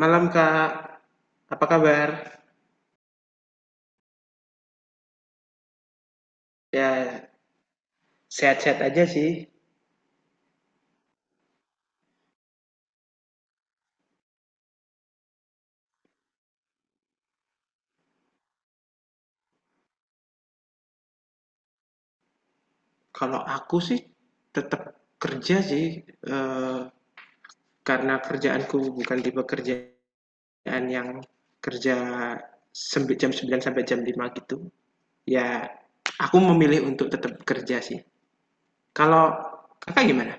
Malam Kak, apa kabar? Ya, sehat-sehat aja sih. Kalau aku sih tetap kerja sih, karena kerjaanku bukan tipe kerjaan yang kerja jam 9 sampai jam 5 gitu. Ya, aku memilih untuk tetap kerja sih. Kalau kakak gimana?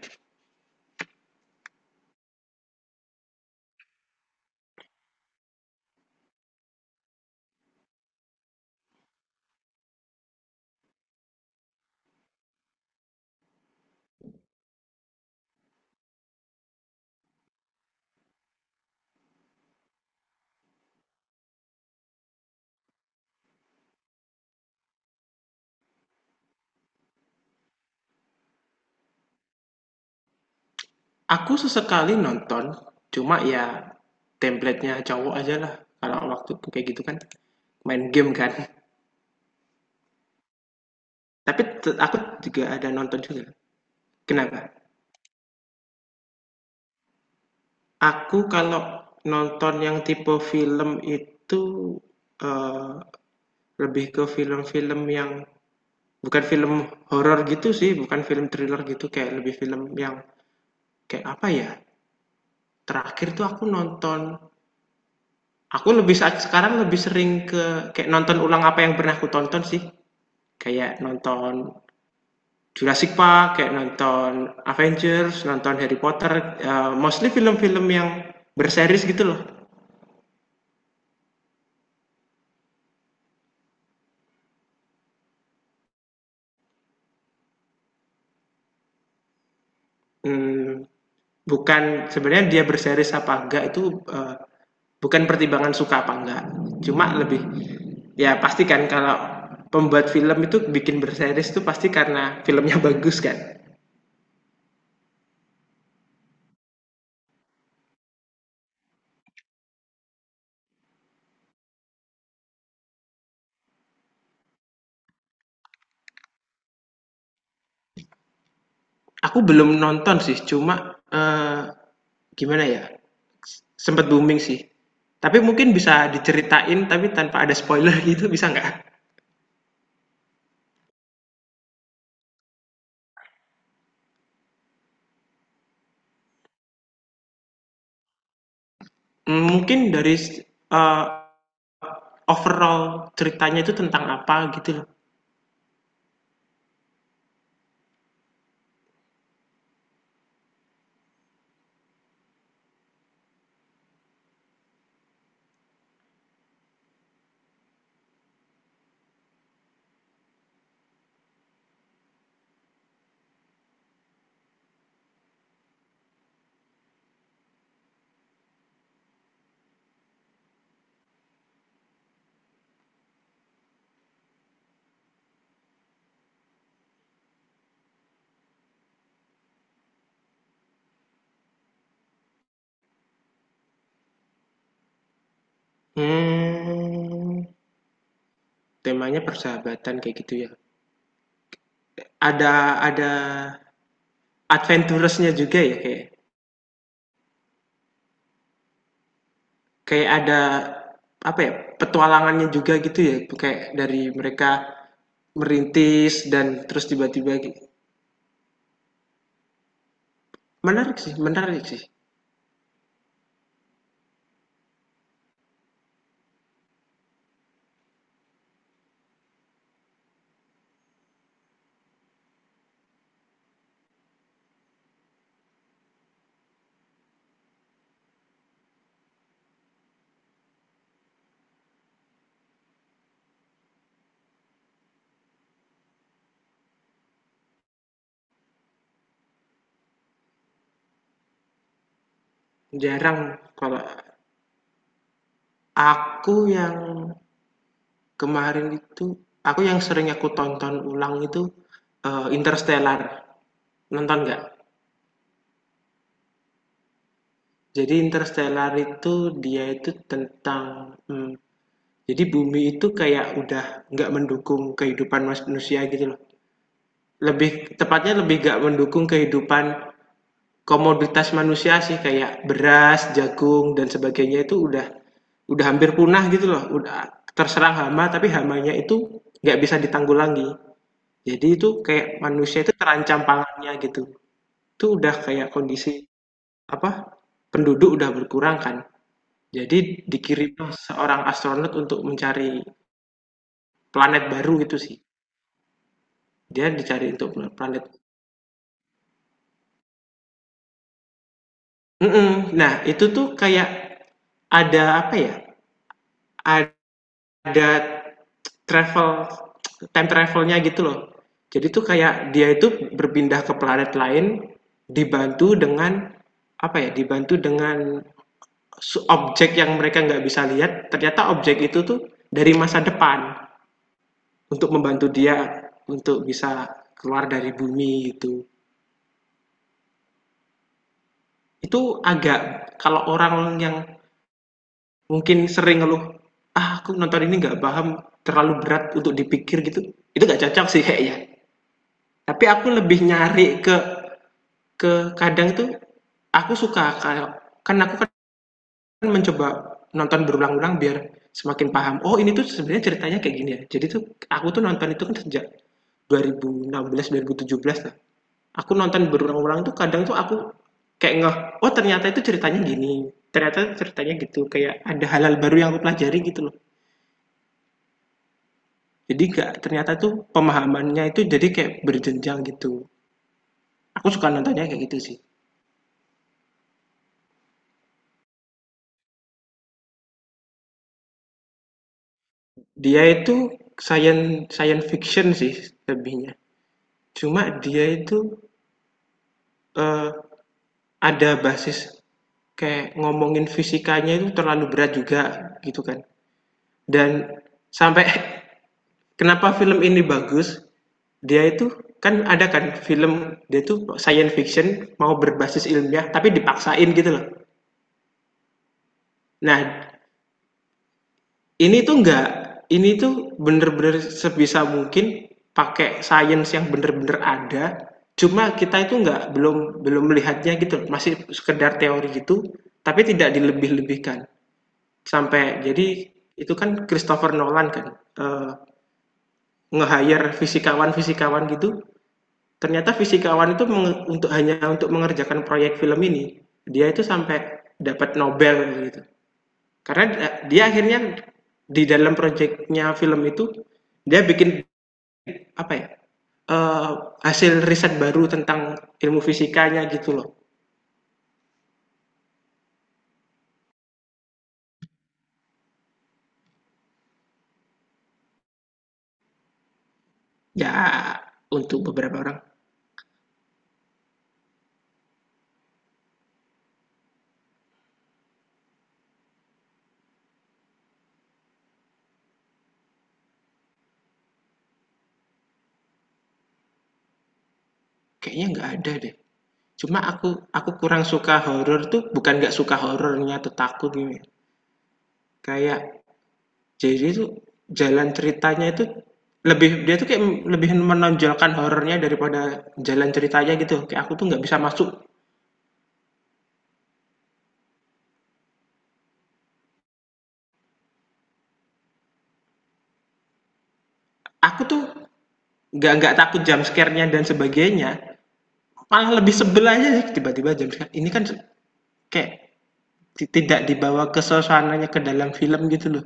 Aku sesekali nonton, cuma ya template-nya cowok aja lah. Kalau waktu kayak gitu kan, main game kan. Tapi aku juga ada nonton juga. Kenapa? Aku kalau nonton yang tipe film itu, eee, lebih ke film-film yang bukan film horor gitu sih, bukan film thriller gitu, kayak lebih film yang kayak apa ya, terakhir tuh aku nonton aku lebih saat sekarang lebih sering ke kayak nonton ulang apa yang pernah aku tonton sih. Kayak nonton Jurassic Park, kayak nonton Avengers, nonton Harry Potter, mostly film-film yang berseries gitu loh. Mmm, bukan sebenarnya dia berseries apa enggak itu bukan pertimbangan suka apa enggak, cuma lebih ya pasti kan kalau pembuat film itu bikin berseries itu pasti karena filmnya bagus kan. Aku belum nonton sih, cuma gimana ya, sempat booming sih, tapi mungkin bisa diceritain tapi tanpa ada spoiler gitu bisa nggak? Hmm, mungkin dari eh, overall ceritanya itu tentang apa gitu loh. Hmm. Temanya persahabatan kayak gitu ya. Ada ada adventurous-nya juga ya kayak kayak ada apa ya, petualangannya juga gitu ya kayak dari mereka merintis dan terus tiba-tiba menarik sih, menarik sih. Jarang. Kalau aku yang kemarin itu, aku yang sering aku tonton ulang itu Interstellar, nonton nggak? Jadi Interstellar itu dia itu tentang hmm, jadi bumi itu kayak udah nggak mendukung kehidupan manusia gitu loh. Lebih tepatnya lebih nggak mendukung kehidupan komoditas manusia sih kayak beras, jagung dan sebagainya itu udah hampir punah gitu loh. Udah terserang hama tapi hamanya itu nggak bisa ditanggulangi. Jadi itu kayak manusia itu terancam pangannya gitu. Itu udah kayak kondisi apa? Penduduk udah berkurang kan. Jadi dikirim seorang astronot untuk mencari planet baru gitu sih. Dia dicari untuk planet. Mhm, nah itu tuh kayak ada apa ya, ada travel, time travelnya gitu loh. Jadi tuh kayak dia itu berpindah ke planet lain dibantu dengan apa ya, dibantu dengan objek yang mereka nggak bisa lihat, ternyata objek itu tuh dari masa depan untuk membantu dia untuk bisa keluar dari bumi itu. Itu agak kalau orang yang mungkin sering ngeluh, "Ah, aku nonton ini nggak paham, terlalu berat untuk dipikir," gitu. Itu nggak cocok sih kayaknya. Tapi aku lebih nyari ke kadang tuh aku suka kalau kan aku kan mencoba nonton berulang-ulang biar semakin paham. Oh, ini tuh sebenarnya ceritanya kayak gini ya. Jadi tuh aku tuh nonton itu kan sejak 2016 2017 lah. Aku nonton berulang-ulang tuh kadang tuh aku kayak ngeh, oh ternyata itu ceritanya gini. Ternyata ceritanya gitu, kayak ada hal-hal baru yang aku pelajari gitu loh. Jadi nggak ternyata tuh pemahamannya itu jadi kayak berjenjang gitu. Aku suka nontonnya kayak gitu sih. Dia itu science science fiction sih lebihnya. Cuma dia itu eh, ada basis kayak ngomongin fisikanya itu terlalu berat juga gitu kan. Dan sampai kenapa film ini bagus? Dia itu kan ada kan film dia itu science fiction mau berbasis ilmiah tapi dipaksain gitu loh. Nah, ini tuh nggak, ini tuh bener-bener sebisa mungkin pakai sains yang bener-bener ada, cuma kita itu nggak belum belum melihatnya gitu, masih sekedar teori gitu, tapi tidak dilebih-lebihkan. Sampai jadi itu kan Christopher Nolan kan eh, nge-hire fisikawan-fisikawan gitu, ternyata fisikawan itu untuk hanya untuk mengerjakan proyek film ini, dia itu sampai dapat Nobel gitu. Karena dia akhirnya di dalam proyeknya film itu dia bikin apa ya? eee, Hasil riset baru tentang ilmu fisikanya gitu loh. Ya, untuk beberapa orang kayaknya nggak ada deh. Cuma aku kurang suka horor tuh, bukan nggak suka horornya atau takut gini. Kayak jadi tuh jalan ceritanya itu lebih dia tuh kayak lebih menonjolkan horornya daripada jalan ceritanya gitu. Kayak aku tuh nggak bisa masuk. Aku tuh nggak takut jump scare-nya dan sebagainya, malah lebih sebel aja sih tiba-tiba jump scare ini kan, kayak tidak dibawa ke suasananya ke dalam film gitu loh,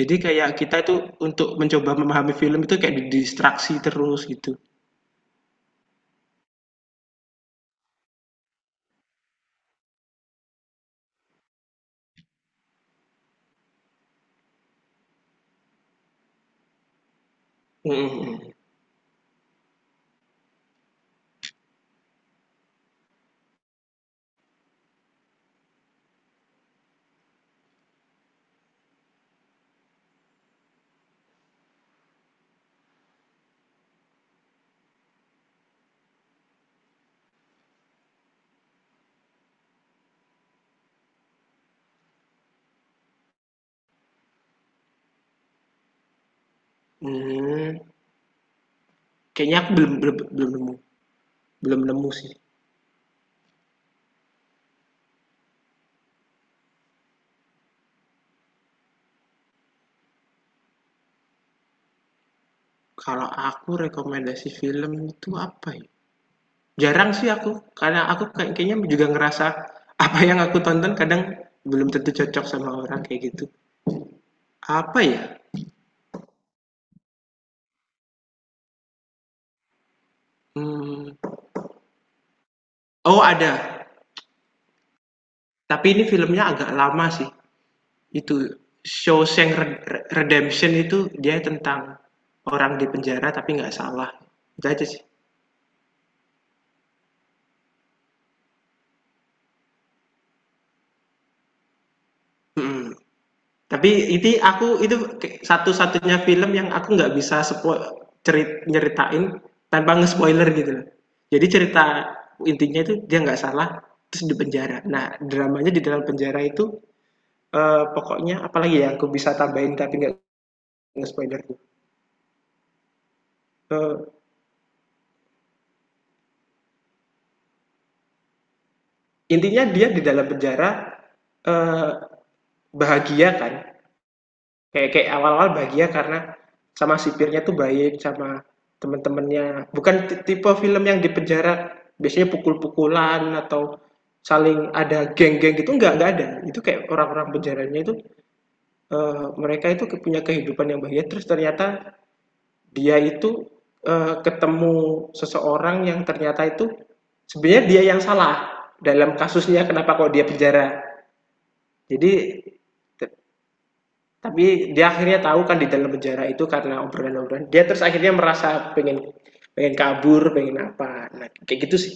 jadi kayak kita itu untuk mencoba memahami film itu kayak didistraksi terus gitu. Mm-mm. Hmm. Kayaknya aku belum belum belum nemu, belum nemu sih. Kalau aku rekomendasi film itu apa ya, jarang sih aku, karena aku kayak- kayaknya juga ngerasa apa yang aku tonton kadang belum tentu cocok sama orang kayak gitu. Apa ya? Mmm, oh ada, tapi ini filmnya agak lama sih. Itu Shawshank Redemption, itu dia tentang orang di penjara tapi nggak salah. Itu aja sih. Mhm. Tapi ini aku itu satu-satunya film yang aku nggak bisa nyeritain tanpa nge-spoiler gitu loh. Jadi cerita intinya itu dia nggak salah, terus di penjara. Nah, dramanya di dalam penjara itu, pokoknya apalagi ya, aku bisa tambahin tapi nggak nge-spoiler? Eh, Intinya dia di dalam penjara eh, bahagia kan, kayak kayak awal-awal bahagia karena sama sipirnya tuh baik, sama temen-temennya bukan tipe film yang di penjara biasanya pukul-pukulan atau saling ada geng-geng gitu, nggak ada. Itu kayak orang-orang penjaranya itu mereka itu punya kehidupan yang bahagia, terus ternyata dia itu ketemu seseorang yang ternyata itu sebenarnya dia yang salah dalam kasusnya, kenapa kok dia penjara. Jadi tapi dia akhirnya tahu kan di dalam penjara itu karena obrolan-obrolan. Dia terus akhirnya merasa pengen pengen kabur, pengen apa. Nah, kayak gitu sih.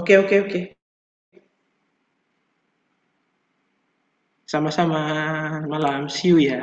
Oke, oke, oke. Sama-sama. Malam. See you ya.